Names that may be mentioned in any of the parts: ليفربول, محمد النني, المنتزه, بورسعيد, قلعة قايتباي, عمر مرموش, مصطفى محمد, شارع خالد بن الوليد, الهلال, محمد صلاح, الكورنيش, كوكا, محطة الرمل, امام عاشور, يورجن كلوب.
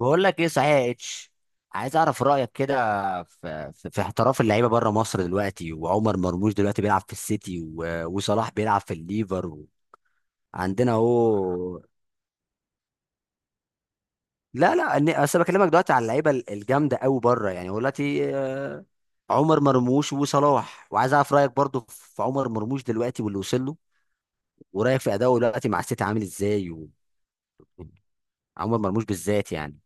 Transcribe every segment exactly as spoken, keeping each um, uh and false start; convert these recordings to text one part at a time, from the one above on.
بقول لك ايه صحيح يا اتش. عايز اعرف رايك كده في في في احتراف اللعيبه بره مصر دلوقتي، وعمر مرموش دلوقتي بيلعب في السيتي و- وصلاح بيلعب في الليفر و- عندنا اهو. لا لا، أنا- اصل بكلمك دلوقتي على اللعيبه ال- الجامده قوي بره، يعني هو دلوقتي آه، عمر مرموش وصلاح، وعايز اعرف رايك برضو في عمر مرموش دلوقتي واللي وصل له، ورايك في اداؤه دلوقتي مع السيتي عامل ازاي، وعمر مرموش بالذات يعني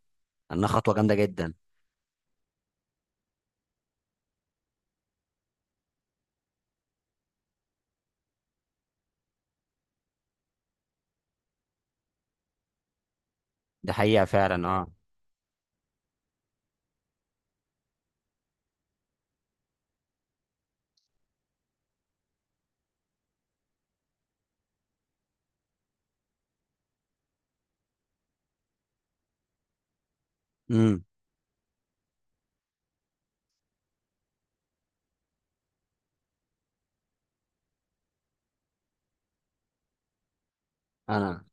انها خطوه جامده جدا. ده حقيقة فعلا، اه. امم. انا.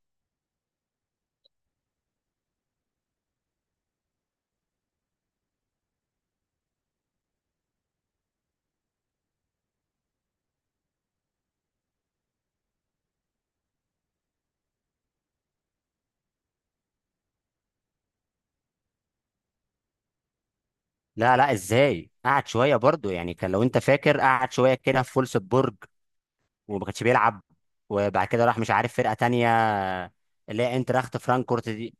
لا لا، ازاي؟ قعد شويه برضو، يعني كان لو انت فاكر قعد شويه كده في فولسبورج وما كانش بيلعب، وبعد كده راح مش عارف فرقه تانية، اللي هي انتراخت فرانكفورت دي.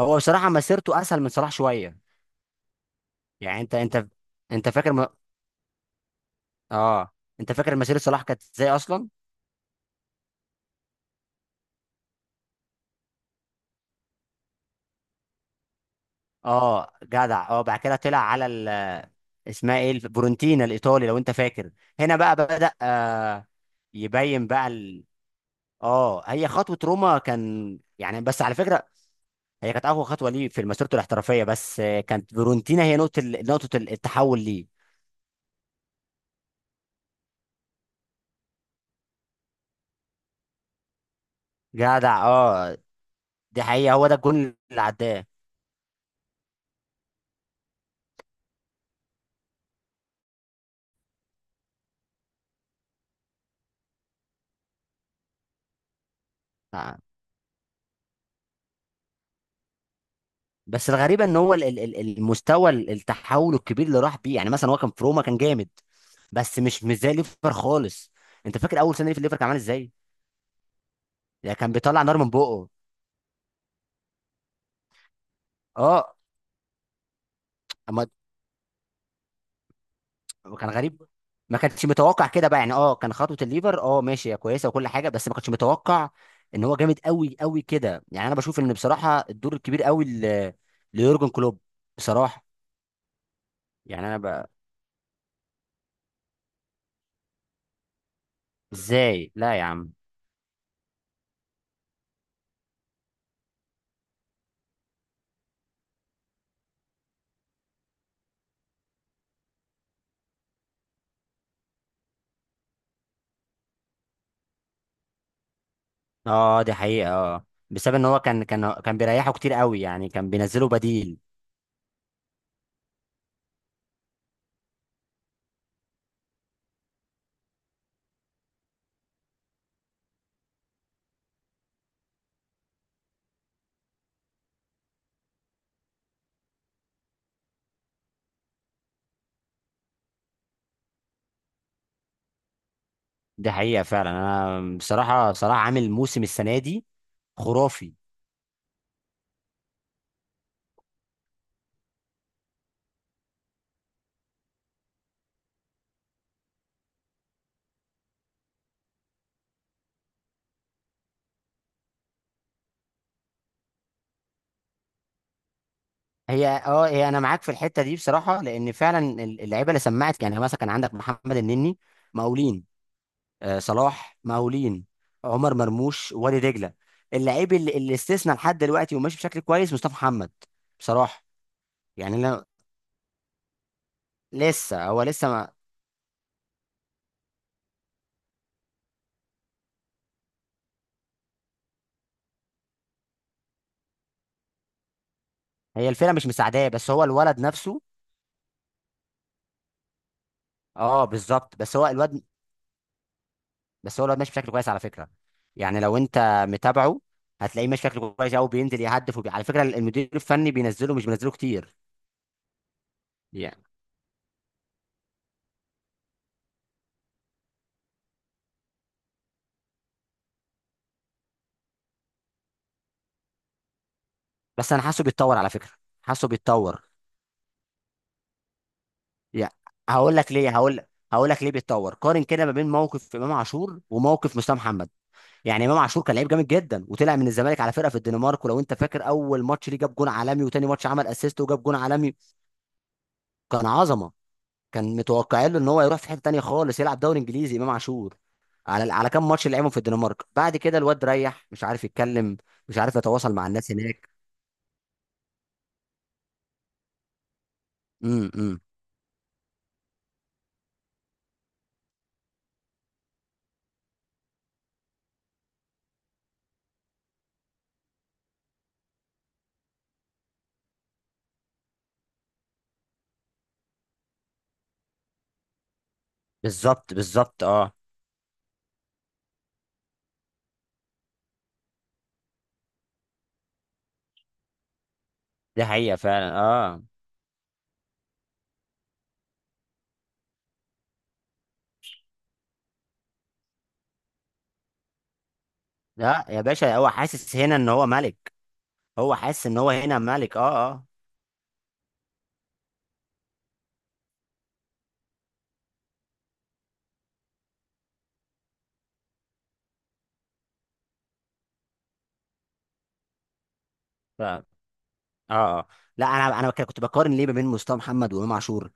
هو بصراحه مسيرته اسهل من صلاح شويه. يعني انت انت انت فاكر م... اه، انت فاكر مسيره صلاح كانت ازاي اصلا؟ اه جدع، اه. بعد كده طلع على ال... اسمها ايه؟ الف- فيورنتينا الايطالي لو انت فاكر؟ هنا بقى بدأ. آه يبين بقى ال... اه، هي خطوه روما كان، يعني بس على فكره هي كانت اقوى خطوه ليه في مسيرته الاحترافيه، بس آه، كانت فيرونتينا هي نقطه ال- نقطه ال- التحول ليه. جدع، اه. دي حقيقه، هو ده الجون اللي عداه. آه. بس الغريبه ان هو ال- ال- ال- المستوى ال- التحول الكبير اللي راح بيه، يعني مثلا هو كان في روما كان جامد، بس مش مش زي ليفر خالص. انت فاكر اول سنه ليه في ليفر كان عامل ازاي؟ يعني كان بيطلع نار من بقه. اه، كان غريب، ما كانش متوقع كده بقى، يعني اه كان خطوه الليفر اه ماشي، هي كويسه وكل حاجه، بس ما كانش متوقع ان هو جامد قوي قوي كده. يعني انا بشوف ان بصراحه الدور الكبير قوي ل- ليورجن كلوب، بصراحه. يعني انا بقى، ازاي؟ لا يا عم. اه، دي حقيقه، اه، بسبب ان هو كان كان كان بيريحه كتير قوي، يعني كان بينزله بديل. دي حقيقه فعلا، انا بصراحه بصراحه عامل موسم السنه دي خرافي. هي اه هي انا معاك في الحته دي بصراحه، لان فعلا ال- اللعيبه اللي سمعت، يعني مثلا كان عندك محمد النني مقاولين، آه صلاح مقاولين، عمر مرموش وادي دجله. اللعيب اللي, اللي استثنى لحد دلوقتي وماشي بشكل كويس مصطفى محمد بصراحه. يعني انا، لسه هو لسه ما. هي الفرقه مش مساعداه، بس هو الولد نفسه. اه، بالظبط. بس هو الواد بس هو الواد ماشي بشكل كويس على فكره. يعني لو انت متابعه هتلاقيه ماشي بشكل كويس قوي، بينزل يهدف وبي... على فكره المدير الفني بينزله، مش بينزله كتير يعني. بس انا حاسه بيتطور على فكره، حاسه بيتطور. يعني هقول لك ليه هقول هقول لك ليه بيتطور. قارن كده ما بين موقف امام عاشور وموقف مصطفى محمد. يعني امام عاشور كان لعيب جامد جدا، وطلع من الزمالك على فرقه في الدنمارك، ولو انت فاكر اول ماتش ليه جاب جون عالمي، وتاني ماتش عمل اسيست وجاب جون عالمي. كان عظمه. كان متوقعين له ان هو يروح في حته تانيه خالص، يلعب دوري انجليزي امام عاشور. على على كام ماتش اللي لعبهم في الدنمارك، بعد كده الواد ريح، مش عارف يتكلم، مش عارف يتواصل مع الناس هناك. امم امم. بالظبط بالظبط، اه. دي حقيقة فعلا، اه. لا يا باشا، هو حاسس هنا ان هو ملك. هو حاسس ان هو هنا ملك، اه اه. ف اه اه. لا، انا انا كنت بقارن ليه ما بين مصطفى محمد وامام عاشور،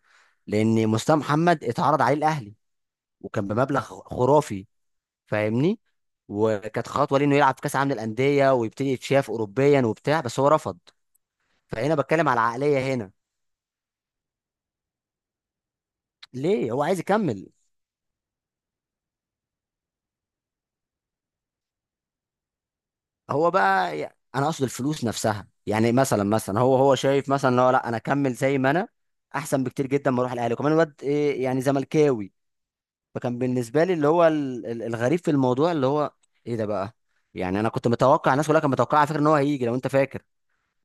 لان مصطفى محمد اتعرض عليه الاهلي، وكان بمبلغ خرافي، فاهمني. وكانت خطوه ليه انه يلعب في كاس عالم للانديه، ويبتدي يتشاف اوروبيا وبتاع، بس هو رفض. فهنا بتكلم على العقليه هنا. ليه هو عايز يكمل. هو بقى ي- انا اقصد الفلوس نفسها. يعني مثلا مثلا هو هو شايف مثلا إن هو، لا، انا اكمل زي ما انا احسن بكتير جدا، ما اروح الاهلي، وكمان الواد إيه، يعني زملكاوي. فكان بالنسبه لي اللي هو ال- ال- الغريب في الموضوع، اللي هو ايه ده بقى. يعني انا كنت متوقع، الناس كلها كانت متوقعه على فكره ان هو هيجي، لو انت فاكر.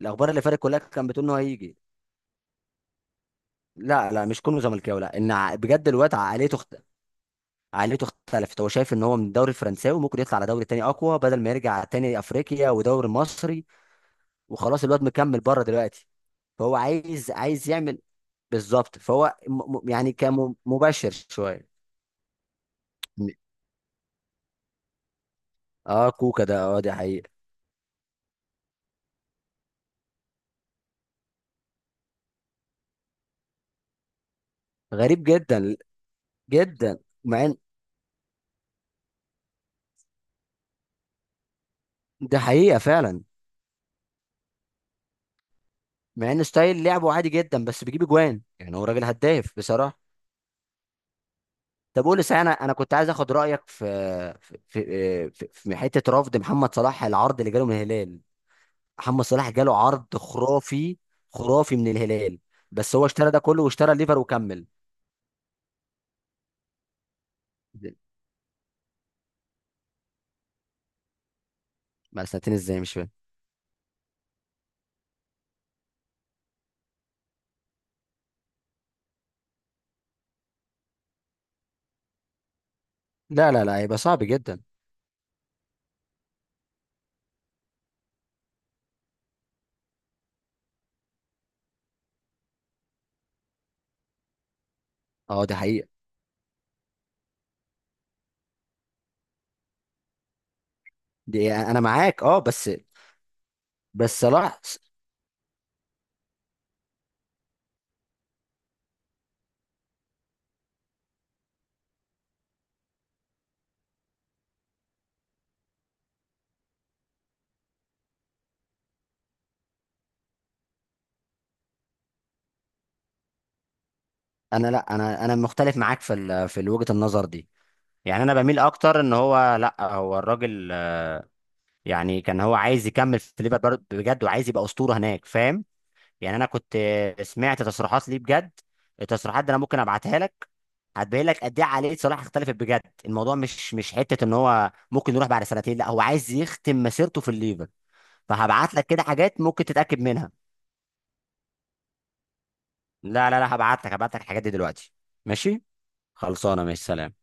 الاخبار اللي فاتت كلها كانت بتقول ان هو هيجي. لا لا، مش كونه زملكاوي، لا ان ع- بجد الواد عقليته اخت... عقليته اختلفت. هو شايف ان هو من الدوري الفرنساوي وممكن يطلع على دوري تاني اقوى، بدل ما يرجع تاني افريقيا ودوري مصري. وخلاص الواد مكمل بره دلوقتي. فهو عايز عايز يعمل. بالظبط. فهو م- م- يعني كان مباشر شويه. اه كوكا ده، اه، دي حقيقه. غريب جدا جدا. مع ان ده حقيقه فعلا. مع ان ستايل لعبه عادي جدا، بس بيجيب اجوان، يعني هو راجل هداف بصراحه. طب قول لي صحيح، انا انا كنت عايز اخد رايك في في في, في, في حته رفض محمد صلاح العرض اللي جاله من الهلال. محمد صلاح جاله عرض خرافي خرافي من الهلال، بس هو اشترى ده كله واشترى الليفر وكمل. ما سنتين ازاي، مش فاهم. لا لا لا، هيبقى صعب جدا. اه، دي حقيقة. دي انا معاك، اه، بس بس صلاح. انا، لا، انا انا مختلف معاك في ال... في وجهة النظر دي. يعني انا بميل اكتر ان هو، لا، هو الراجل، آه، يعني كان هو عايز يكمل في ليفربول بجد، وعايز يبقى اسطورة هناك، فاهم. يعني انا كنت آه، سمعت تصريحات ليه بجد. التصريحات دي انا ممكن ابعتها لك، هتبين لك قد ايه عقلية صلاح اختلفت بجد. الموضوع مش مش حتة ان هو ممكن يروح بعد سنتين، لا، هو عايز يختم مسيرته في الليفر. فهبعت لك كده حاجات ممكن تتأكد منها. لا لا لا، هبعت لك هبعت لك الحاجات دي دلوقتي. ماشي. خلصانه، ماشي، سلام.